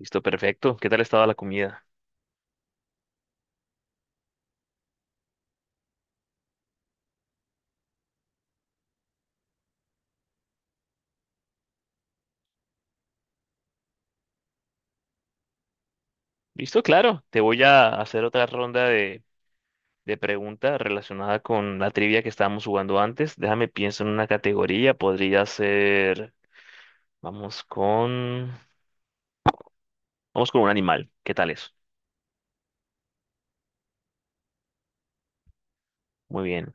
Listo, perfecto. ¿Qué tal estaba la comida? Listo, claro. Te voy a hacer otra ronda de preguntas relacionada con la trivia que estábamos jugando antes. Déjame pienso en una categoría. Podría ser. Vamos con. Vamos con un animal. ¿Qué tal eso? Muy bien.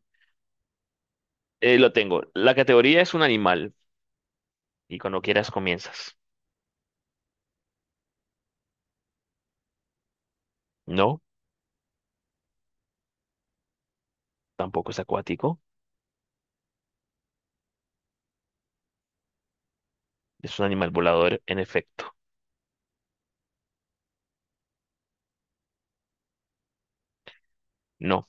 Lo tengo. La categoría es un animal. Y cuando quieras comienzas. No, tampoco es acuático. Es un animal volador, en efecto. No,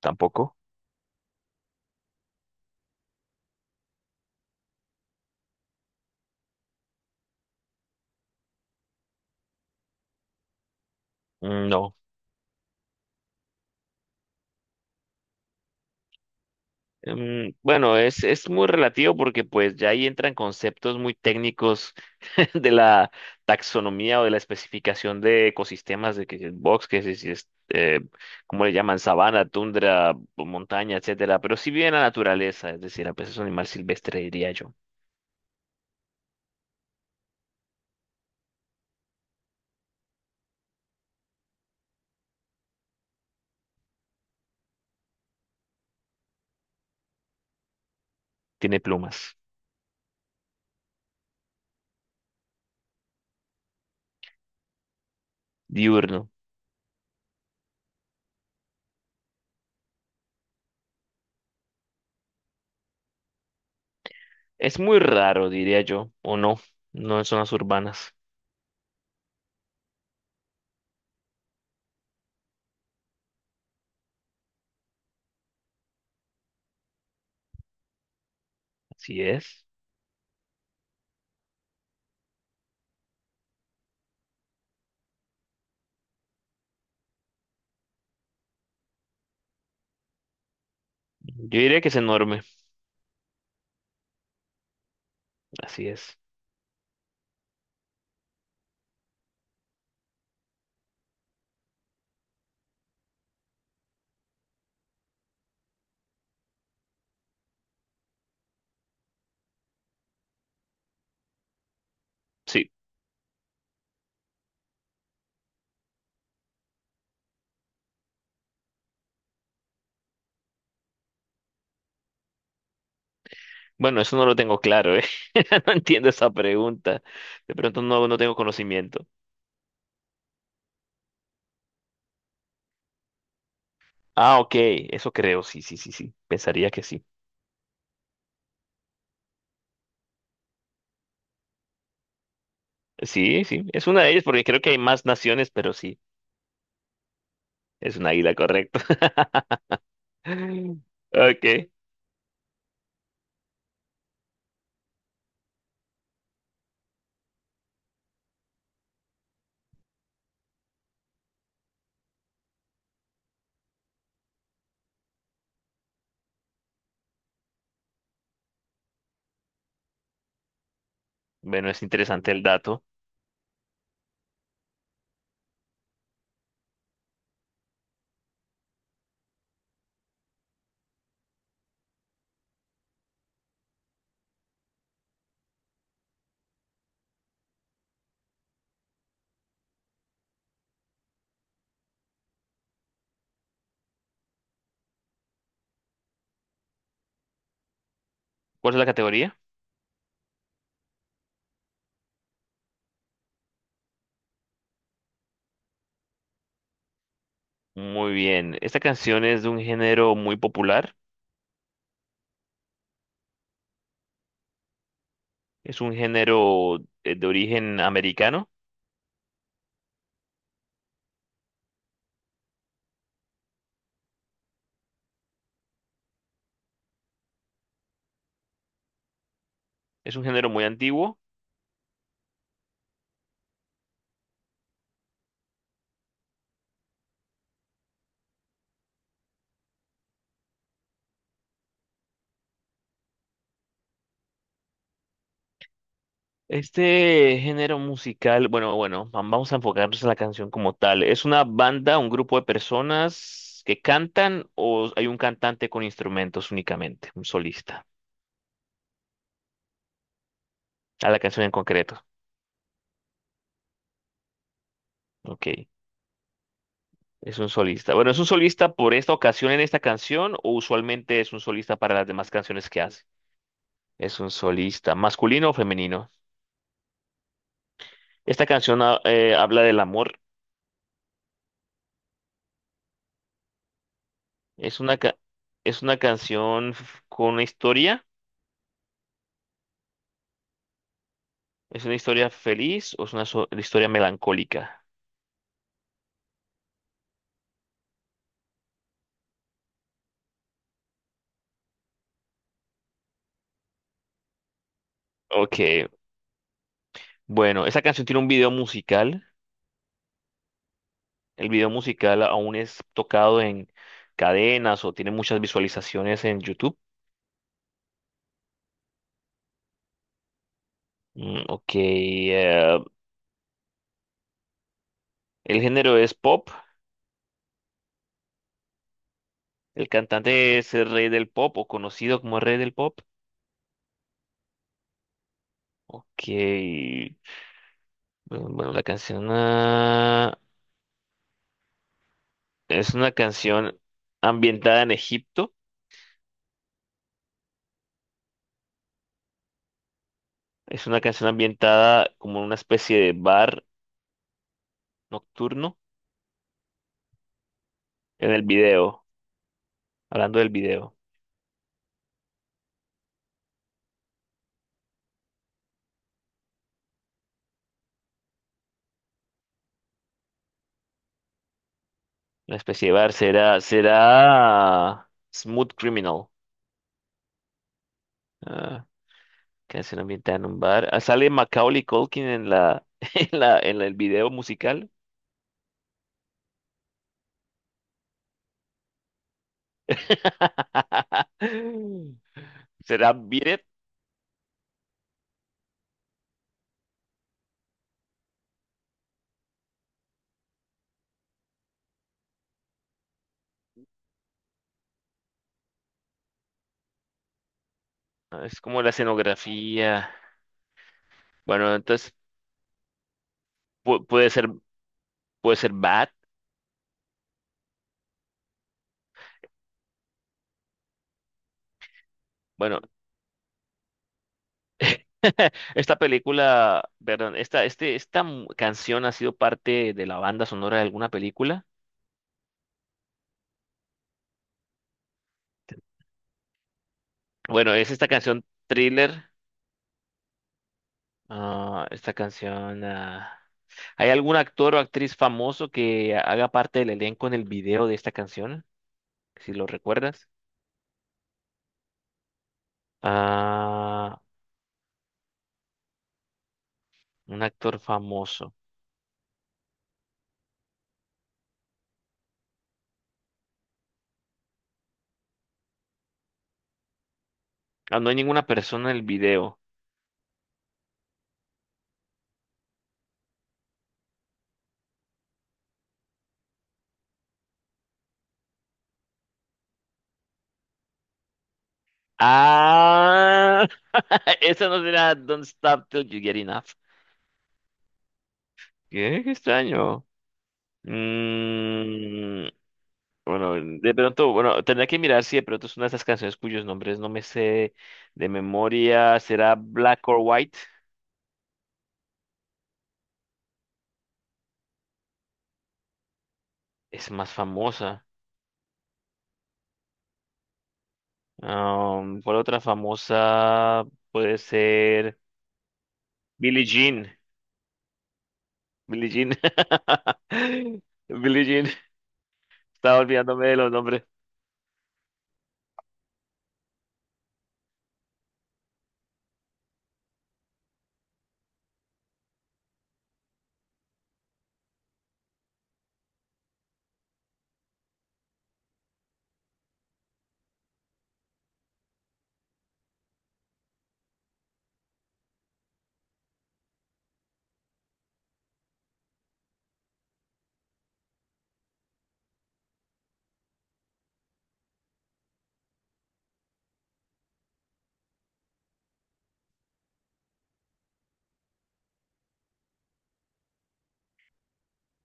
tampoco. No. Bueno, es muy relativo porque pues ya ahí entran conceptos muy técnicos de la taxonomía o de la especificación de ecosistemas, de que si es box, que si es, ¿cómo le llaman? Sabana, tundra, o montaña, etcétera. Pero si bien la naturaleza, es decir, a veces es un animal silvestre, diría yo. Tiene plumas, diurno. Es muy raro, diría yo, o no, no en zonas urbanas. Así es. Yo diría que es enorme, así es. Sí. Bueno, eso no lo tengo claro, ¿eh? No entiendo esa pregunta. De pronto no tengo conocimiento. Ah, ok, eso creo, sí, sí, sí, sí. Pensaría que sí. Sí, sí, es una de ellas porque creo que hay más naciones, pero sí, es un águila, correcto. Ok, bueno, es interesante el dato. ¿Cuál es la categoría? Muy bien, esta canción es de un género muy popular, es un género de origen americano, es un género muy antiguo. Este género musical, vamos a enfocarnos en la canción como tal. ¿Es una banda, un grupo de personas que cantan o hay un cantante con instrumentos únicamente, un solista? A la canción en concreto. Ok, es un solista. Bueno, ¿es un solista por esta ocasión en esta canción o usualmente es un solista para las demás canciones que hace? Es un solista, masculino o femenino. Habla del amor. Es una, ca- es una con una historia. ¿Es una historia feliz o es una historia melancólica? Ok, bueno, esa canción tiene un video musical. El video musical aún es tocado en cadenas o tiene muchas visualizaciones en YouTube. Mm, ok, el género es pop. El cantante es el rey del pop o conocido como el rey del pop. Ok, bueno, la canción, es una canción ambientada en Egipto. Es una canción ambientada como en una especie de bar nocturno. En el video, hablando del video, la especie de bar será, será Smooth Criminal, ah, que ambientada en un bar. Ah, sale Macaulay Culkin en la, en la, en el video musical. ¿Será Beat It? Ah, es como la escenografía. Bueno, entonces pu- puede ser, puede ser Bad. Bueno, esta película, perdón, esta, este, esta mu- canción ha sido parte de la banda sonora de alguna película. Bueno, es esta canción Thriller. ah, esta canción. ah, ¿Hay algún actor o actriz famoso que haga parte del elenco en el video de esta canción? Si lo recuerdas. Ah, un actor famoso. Ah, no hay ninguna persona en el video. Ah, esa no será Don't Stop Till You Get Enough. Qué, qué extraño. Mm, bueno, de pronto, bueno, tendré que mirar si de pronto es una de esas canciones cuyos nombres no me sé de memoria. ¿Será Black or White? Es más famosa. Am, ¿cuál otra famosa puede ser? Billie Jean. Billie Jean. Billie Jean. Estaba olvidándome de los nombres.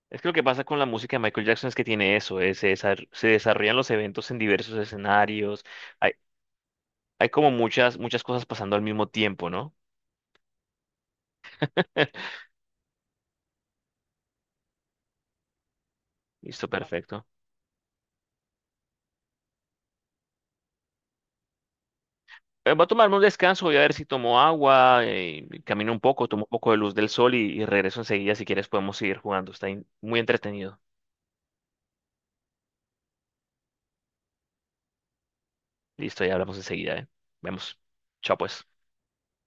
Es que lo que pasa con la música de Michael Jackson es que tiene eso, se se desarrollan los eventos en diversos escenarios. Hay, hay como muchas, muchas cosas pasando al mismo tiempo, ¿no? Listo, perfecto. Voy a tomarme un descanso, voy a ver si tomo agua, camino un poco, tomo un poco de luz del sol y regreso enseguida. Si quieres, podemos seguir jugando. Está muy entretenido. Listo, ya hablamos enseguida, ¿eh? Vemos. Chao, pues.